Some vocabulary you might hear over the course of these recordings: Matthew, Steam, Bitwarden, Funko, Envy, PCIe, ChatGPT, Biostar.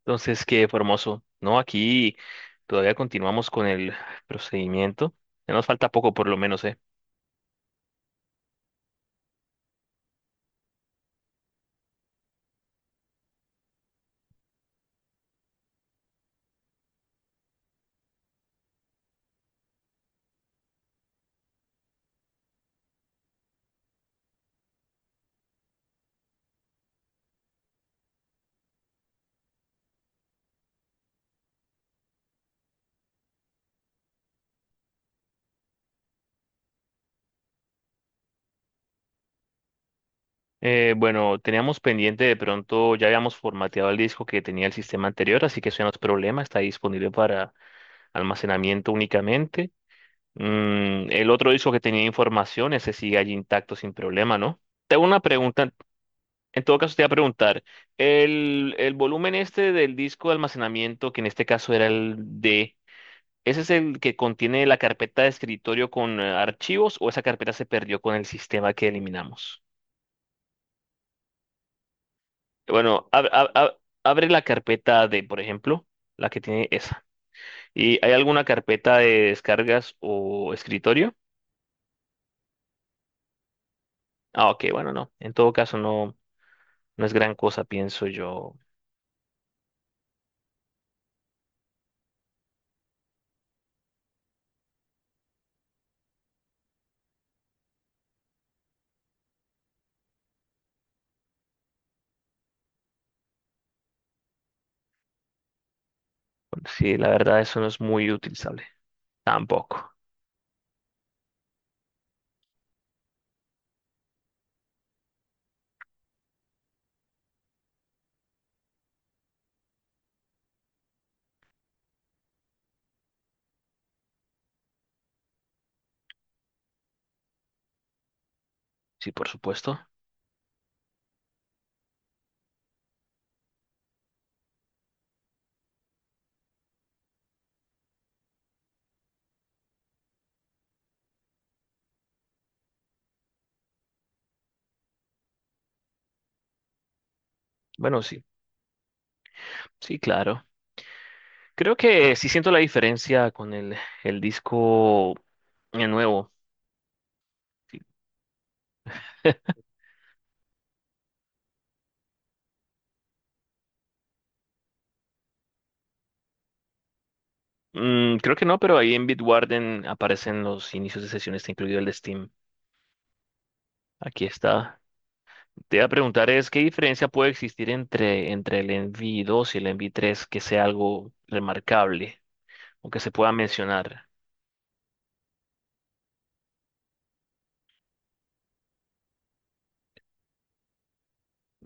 Entonces, qué hermoso. No, aquí todavía continuamos con el procedimiento. Ya nos falta poco, por lo menos, ¿eh? Bueno, teníamos pendiente de pronto, ya habíamos formateado el disco que tenía el sistema anterior, así que eso ya no es problema, está disponible para almacenamiento únicamente. Mm, el otro disco que tenía información, ese sigue allí intacto sin problema, ¿no? Tengo una pregunta, en todo caso te voy a preguntar, el volumen este del disco de almacenamiento, que en este caso era el D. ¿Ese es el que contiene la carpeta de escritorio con archivos, o esa carpeta se perdió con el sistema que eliminamos? Bueno, abre la carpeta de, por ejemplo, la que tiene esa. ¿Y hay alguna carpeta de descargas o escritorio? Ah, ok, bueno, no. En todo caso, no, no es gran cosa, pienso yo. Bueno, sí, la verdad, eso no es muy utilizable. Tampoco. Sí, por supuesto. Bueno, sí, sí, claro. Creo que sí siento la diferencia con el disco nuevo. Mm, creo que no, pero ahí en Bitwarden aparecen los inicios de sesión, está incluido el de Steam. Aquí está. Te iba a preguntar es, ¿qué diferencia puede existir entre, entre el Envy dos y el Envy tres, que sea algo remarcable o que se pueda mencionar?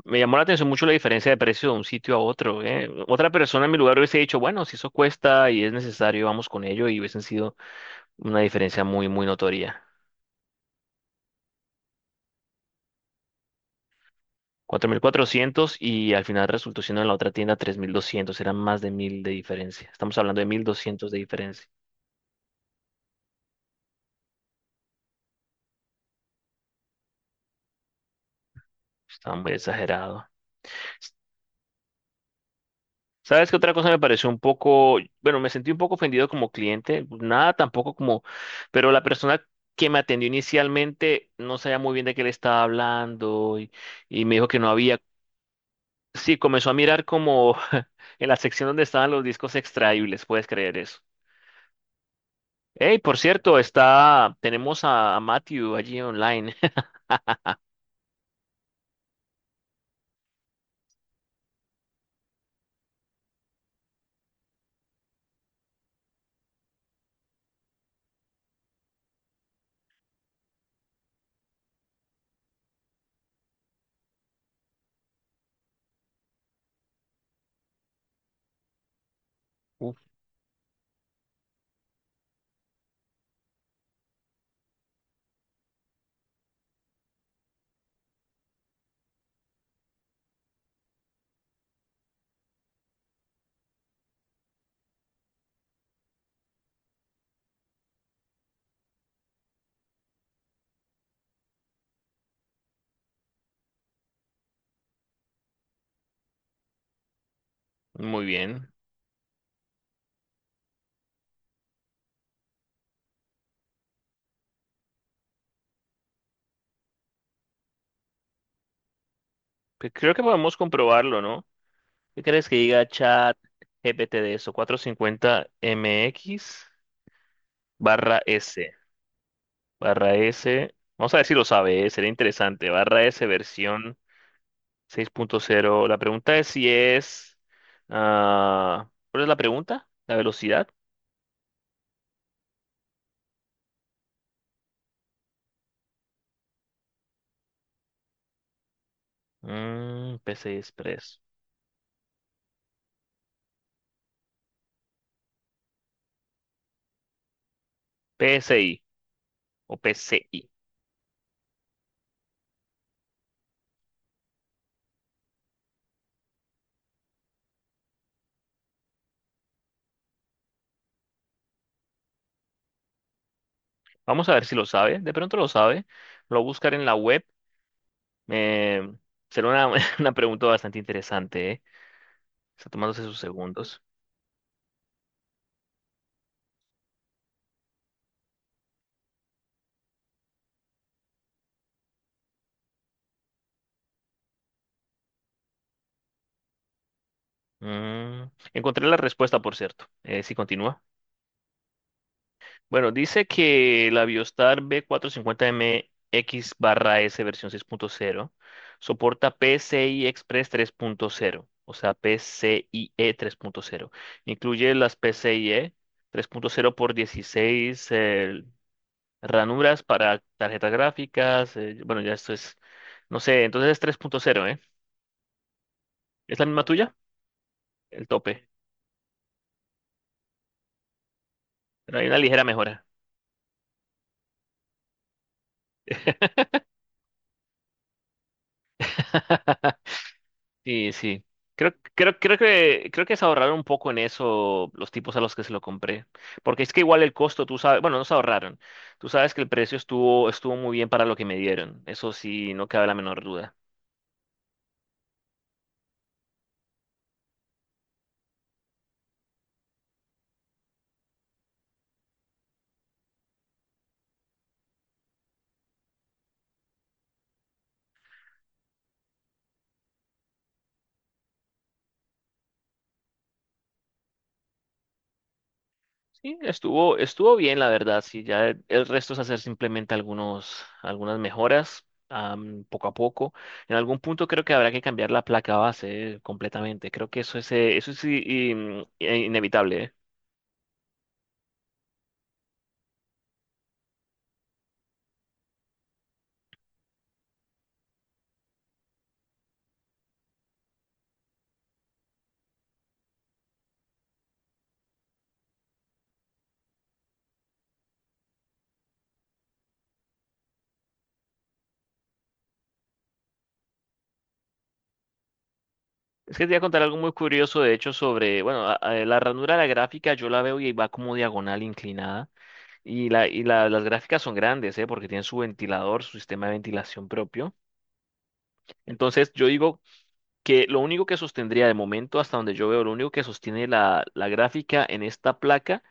Me llamó la atención mucho la diferencia de precio de un sitio a otro, ¿eh? Otra persona en mi lugar hubiese dicho, bueno, si eso cuesta y es necesario, vamos con ello, y hubiesen sido una diferencia muy, muy notoria. 4400, y al final resultó siendo en la otra tienda 3200. Eran más de 1.000 de diferencia. Estamos hablando de 1200 de diferencia. Estaba muy exagerado. ¿Sabes qué otra cosa me pareció un poco? Bueno, me sentí un poco ofendido como cliente. Pues nada, tampoco como, pero la persona que me atendió inicialmente no sabía muy bien de qué le estaba hablando, y me dijo que no había, sí, comenzó a mirar como en la sección donde estaban los discos extraíbles. ¿Puedes creer eso? Hey, por cierto, está, tenemos a Matthew allí online. Uf, muy bien. Creo que podemos comprobarlo, ¿no? ¿Qué crees que diga chat ChatGPT de eso? 450MX barra S, barra S. Vamos a ver si lo sabe, ¿eh? Sería interesante. Barra S versión 6.0. La pregunta es si es... Ah, ¿cuál es la pregunta? ¿La velocidad? Mm, PCI Express. PSI o PCI. Vamos a ver si lo sabe. De pronto lo sabe. Lo voy a buscar en la web. Eh, Será una una pregunta bastante interesante, ¿eh? Está tomándose sus segundos. Mm, encontré la respuesta, por cierto. Si continúa. Bueno, dice que la Biostar b 450 M X barra S versión 6.0 soporta PCI Express 3.0. O sea, PCIe 3.0. Incluye las PCIe 3.0 por 16 ranuras para tarjetas gráficas. Eh, bueno, ya esto es, no sé, entonces es 3.0, ¿eh? ¿Es la misma tuya? El tope, pero hay una ligera mejora. Sí, sí. Creo que se ahorraron un poco en eso los tipos a los que se lo compré. Porque es que igual el costo, tú sabes, bueno, no se ahorraron. Tú sabes que el precio estuvo, estuvo muy bien para lo que me dieron. Eso sí, no cabe la menor duda. Sí, estuvo, estuvo bien, la verdad. Sí, ya el resto es hacer simplemente algunos, algunas mejoras, am, poco a poco. En algún punto creo que habrá que cambiar la placa base completamente. Creo que eso es inevitable, ¿eh? Es que te voy a contar algo muy curioso, de hecho, sobre, bueno, la ranura de la gráfica yo la veo y va como diagonal inclinada. Las gráficas son grandes, ¿eh? Porque tienen su ventilador, su sistema de ventilación propio. Entonces yo digo, que lo único que sostendría de momento, hasta donde yo veo, lo único que sostiene la gráfica en esta placa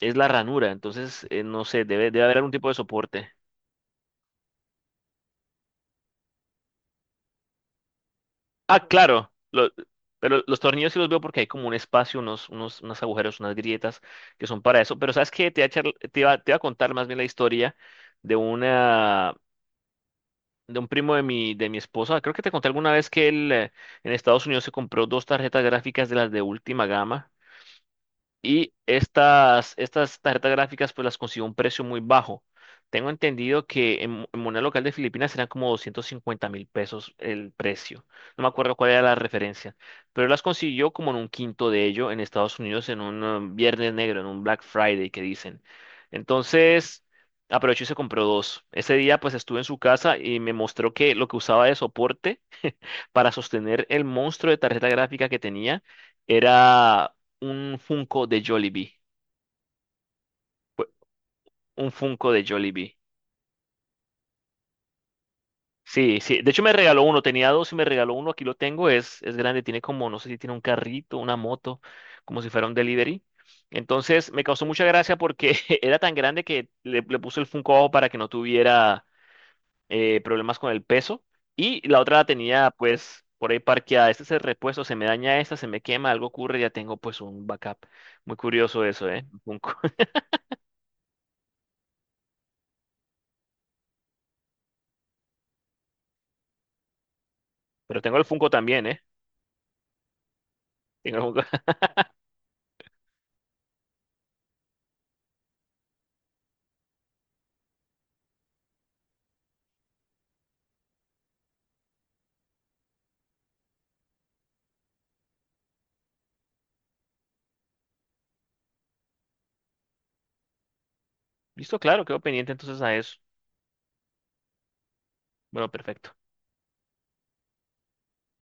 es la ranura. Entonces, no sé, debe haber algún tipo de soporte. Ah, claro, pero los tornillos sí los veo porque hay como un espacio, unos agujeros, unas grietas que son para eso. Pero ¿sabes qué? Te voy a, te iba a contar más bien la historia de una... de un primo de mi esposa. Creo que te conté alguna vez que él en Estados Unidos se compró dos tarjetas gráficas de las de última gama. Y estas tarjetas gráficas pues las consiguió a un precio muy bajo. Tengo entendido que en moneda local de Filipinas eran como 250.000 pesos el precio. No me acuerdo cuál era la referencia. Pero las consiguió como en un quinto de ello en Estados Unidos en un viernes negro, en un Black Friday, que dicen. Entonces aprovechó y se compró dos. Ese día pues estuve en su casa y me mostró que lo que usaba de soporte para sostener el monstruo de tarjeta gráfica que tenía era un Funko de Jollibee. Un Funko de Jollibee. Sí, sí. De hecho me regaló uno, tenía dos y me regaló uno. Aquí lo tengo, es grande, tiene como, no sé si tiene un carrito, una moto, como si fuera un delivery. Entonces me causó mucha gracia porque era tan grande que le puso el Funko abajo para que no tuviera problemas con el peso, y la otra la tenía pues por ahí parqueada. Este es el repuesto, se me daña esta, se me quema, algo ocurre, ya tengo pues un backup. Muy curioso eso, ¿eh? Un Funko. Pero tengo el Funko también, ¿eh? Tengo el Funko. Listo, claro, quedo pendiente entonces a eso. Bueno, perfecto.